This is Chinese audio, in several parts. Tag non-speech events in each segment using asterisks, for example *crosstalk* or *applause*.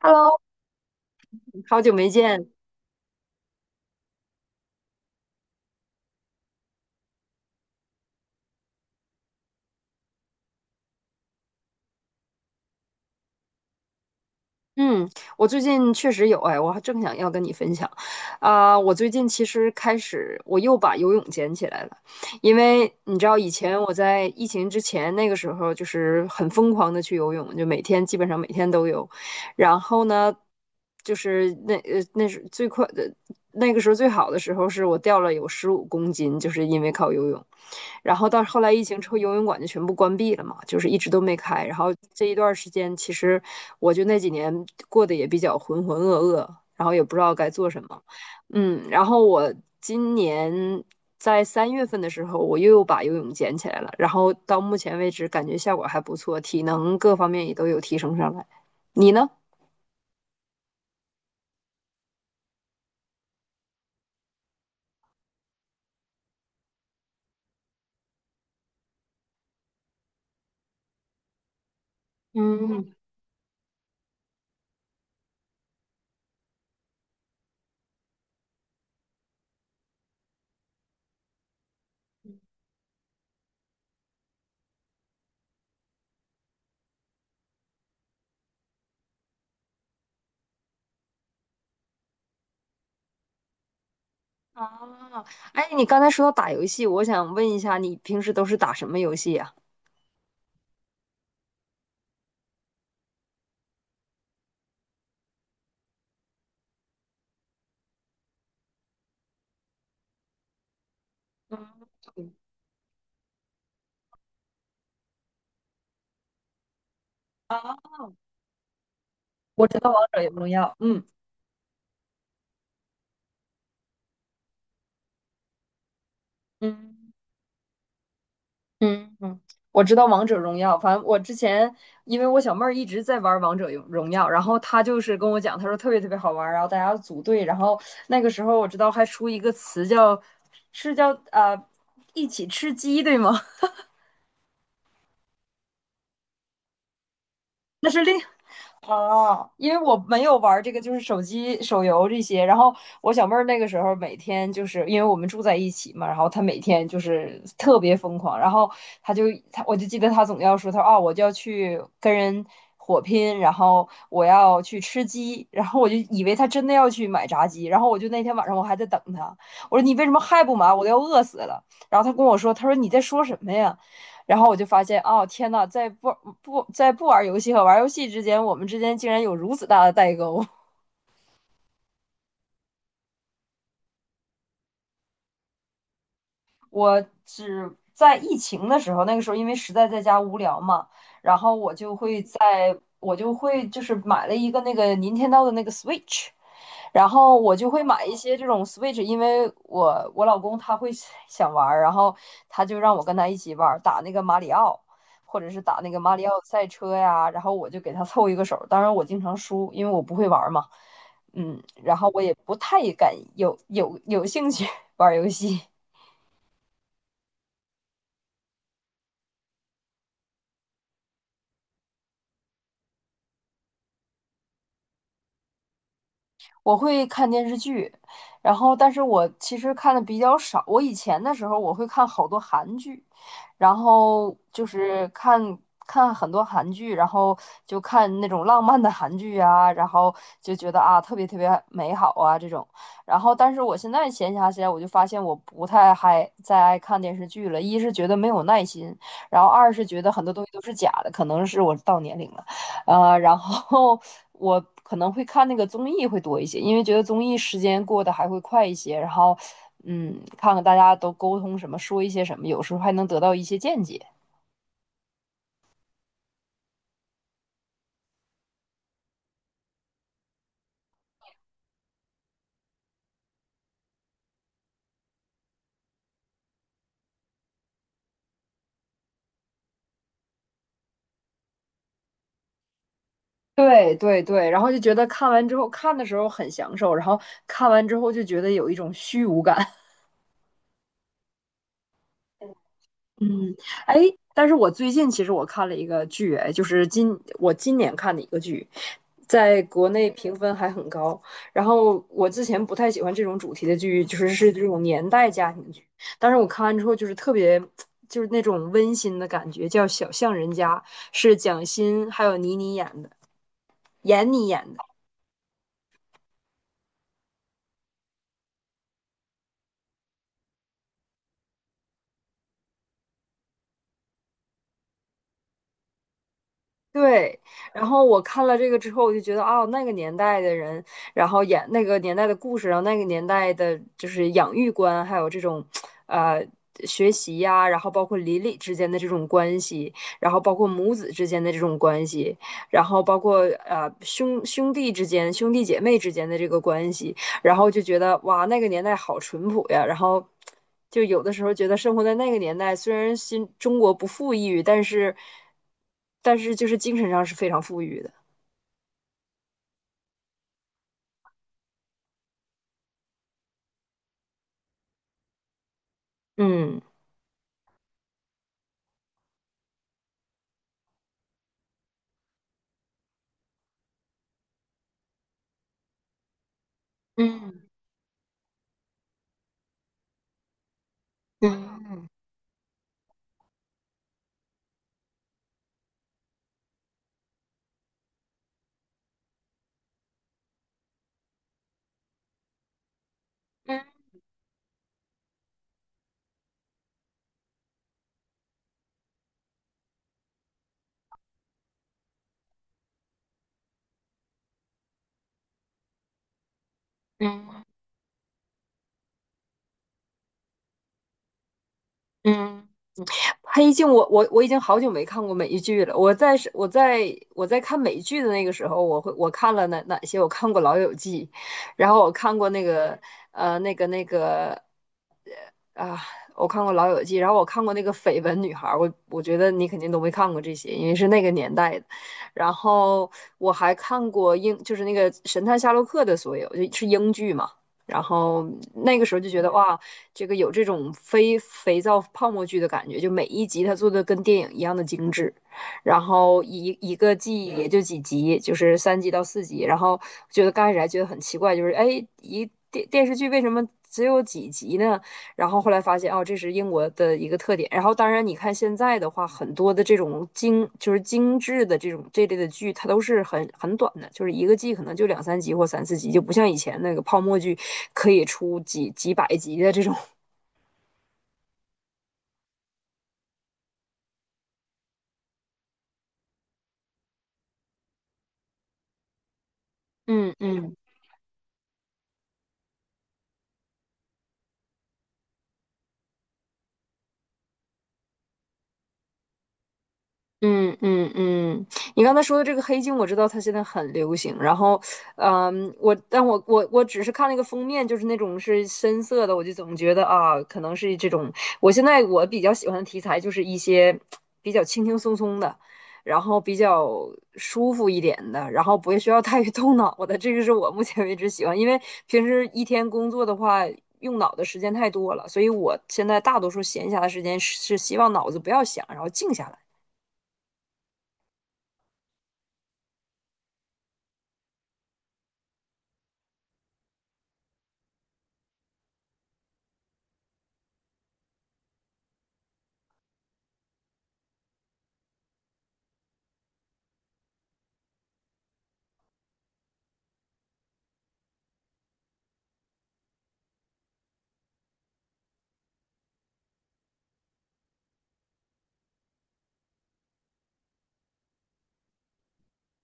Hello，好久没见。嗯，我最近确实有哎，我还正想要跟你分享。啊，我最近其实开始我又把游泳捡起来了，因为你知道以前我在疫情之前那个时候就是很疯狂的去游泳，就基本上每天都游。然后呢，就是那是最快的那个时候最好的时候是我掉了有15公斤，就是因为靠游泳。然后到后来疫情之后，游泳馆就全部关闭了嘛，就是一直都没开。然后这一段时间，其实我就那几年过得也比较浑浑噩噩，然后也不知道该做什么。嗯，然后我今年在3月份的时候，我又把游泳捡起来了，然后到目前为止感觉效果还不错，体能各方面也都有提升上来。你呢？嗯，啊。哎，你刚才说到打游戏，我想问一下，你平时都是打什么游戏呀？嗯，我知道王者荣耀，嗯嗯嗯嗯，我知道王者荣耀，反正我之前因为我小妹儿一直在玩王者荣耀，然后她就是跟我讲，她说特别特别好玩儿，然后大家组队，然后那个时候我知道还出一个词叫一起吃鸡，对吗？*laughs* 那是另哦，因为我没有玩这个，就是手机手游这些。然后我小妹儿那个时候每天就是因为我们住在一起嘛，然后她每天就是特别疯狂。然后她就她，我就记得她总要说，她说啊，我就要去跟人火拼，然后我要去吃鸡，然后我就以为她真的要去买炸鸡。然后我就那天晚上我还在等她，我说你为什么还不买？我都要饿死了。然后她跟我说，她说你在说什么呀？然后我就发现，哦，天呐，在不嗯不在不玩游戏和玩游戏之间，我们之间竟然有如此大的代沟。*laughs* 我只在疫情的时候，那个时候因为实在在家无聊嘛，然后我就会就是买了一个那个 Nintendo 的那个 Switch，然后我就会买一些这种 Switch，因为我老公他会 *laughs* 想玩儿，然后他就让我跟他一起玩儿，打那个马里奥，或者是打那个马里奥赛车呀，然后我就给他凑一个手儿。当然我经常输，因为我不会玩儿嘛，嗯，然后我也不太敢有兴趣 *laughs* 玩儿游戏。我会看电视剧，然后但是我其实看的比较少。我以前的时候我会看好多韩剧，然后就是看很多韩剧，然后就看那种浪漫的韩剧啊，然后就觉得啊特别特别美好啊这种。然后但是我现在闲暇起来，我就发现我不太还再爱看电视剧了，一是觉得没有耐心，然后二是觉得很多东西都是假的，可能是我到年龄了。然后 *laughs* 我可能会看那个综艺会多一些，因为觉得综艺时间过得还会快一些。然后，嗯，看看大家都沟通什么，说一些什么，有时候还能得到一些见解。对对对，然后就觉得看完之后看的时候很享受，然后看完之后就觉得有一种虚无感。*laughs* 嗯，哎，但是我最近其实我看了一个剧，哎，就是我今年看的一个剧，在国内评分还很高。然后我之前不太喜欢这种主题的剧，就是这种年代家庭剧，但是我看完之后就是特别，就是那种温馨的感觉，叫《小巷人家》，是蒋欣还有倪妮演的，闫妮演的。对，然后我看了这个之后，我就觉得哦，那个年代的人，然后演那个年代的故事，然后那个年代的就是养育观，还有这种，呃，学习呀、然后包括邻里之间的这种关系，然后包括母子之间的这种关系，然后包括兄弟之间、兄弟姐妹之间的这个关系，然后就觉得哇，那个年代好淳朴呀。然后就有的时候觉得生活在那个年代，虽然新中国不富裕，但是就是精神上是非常富裕的。嗯，黑镜我已经好久没看过美剧了。我在看美剧的那个时候，我看了哪些？我看过《老友记》，然后我看过那个呃那个那个啊，我看过《老友记》，然后我看过那个《绯闻女孩》，我觉得你肯定都没看过这些，因为是那个年代的。然后我还看过就是那个《神探夏洛克》的所有，就是英剧嘛。然后那个时候就觉得哇，这个有这种非肥皂泡沫剧的感觉，就每一集它做的跟电影一样的精致，然后一个季也就几集，就是3集到4集。然后觉得刚开始还觉得很奇怪，就是哎，电视剧为什么只有几集呢？然后后来发现，哦，这是英国的一个特点。然后当然，你看现在的话，很多的这种精就是精致的这种这类的剧，它都是很短的，就是一个季可能就两三集或三四集，就不像以前那个泡沫剧可以出几百集的这种。嗯 *laughs* 嗯。嗯嗯嗯，你刚才说的这个黑镜，我知道它现在很流行。然后，嗯，我但我我我只是看了一个封面，就是那种是深色的，我就总觉得啊，可能是这种。我现在我比较喜欢的题材就是一些比较轻轻松松的，然后比较舒服一点的，然后不需要太动脑的。这个是我目前为止喜欢，因为平时一天工作的话。用脑的时间太多了，所以我现在大多数闲暇的时间是希望脑子不要想，然后静下来。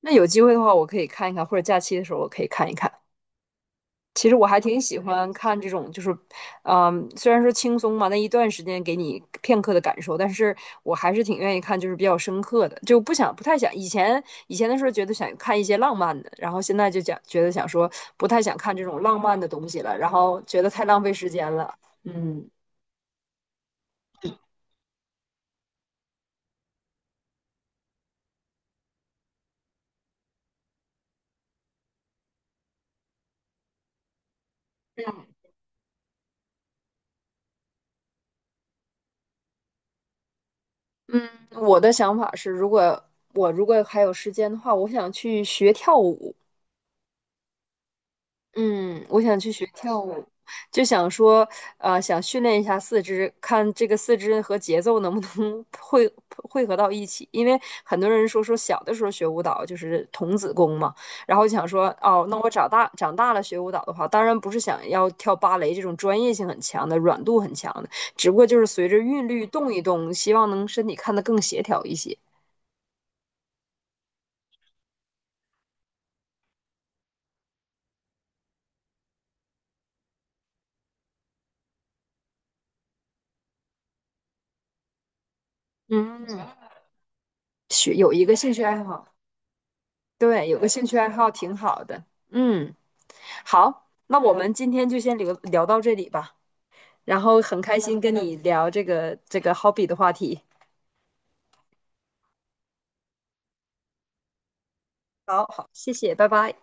那有机会的话，我可以看一看，或者假期的时候我可以看一看。其实我还挺喜欢看这种，就是，嗯，虽然说轻松嘛，那一段时间给你片刻的感受，但是我还是挺愿意看，就是比较深刻的，就不想不太想以前的时候觉得想看一些浪漫的，然后现在就讲觉得想说不太想看这种浪漫的东西了，然后觉得太浪费时间了。嗯，我的想法是，如果还有时间的话，我想去学跳舞。嗯，我想去学跳舞，就想说，想训练一下四肢，看这个四肢和节奏能不能 *laughs* 汇合到一起。因为很多人说小的时候学舞蹈就是童子功嘛，然后就想说，哦，那我长大了学舞蹈的话，当然不是想要跳芭蕾这种专业性很强的、软度很强的，只不过就是随着韵律动一动，希望能身体看得更协调一些。嗯，学有一个兴趣爱好，对，有个兴趣爱好挺好的。嗯。好，那我们今天就先聊到这里吧。然后很开心跟你聊这个 hobby 的话题。好好，谢谢，拜拜。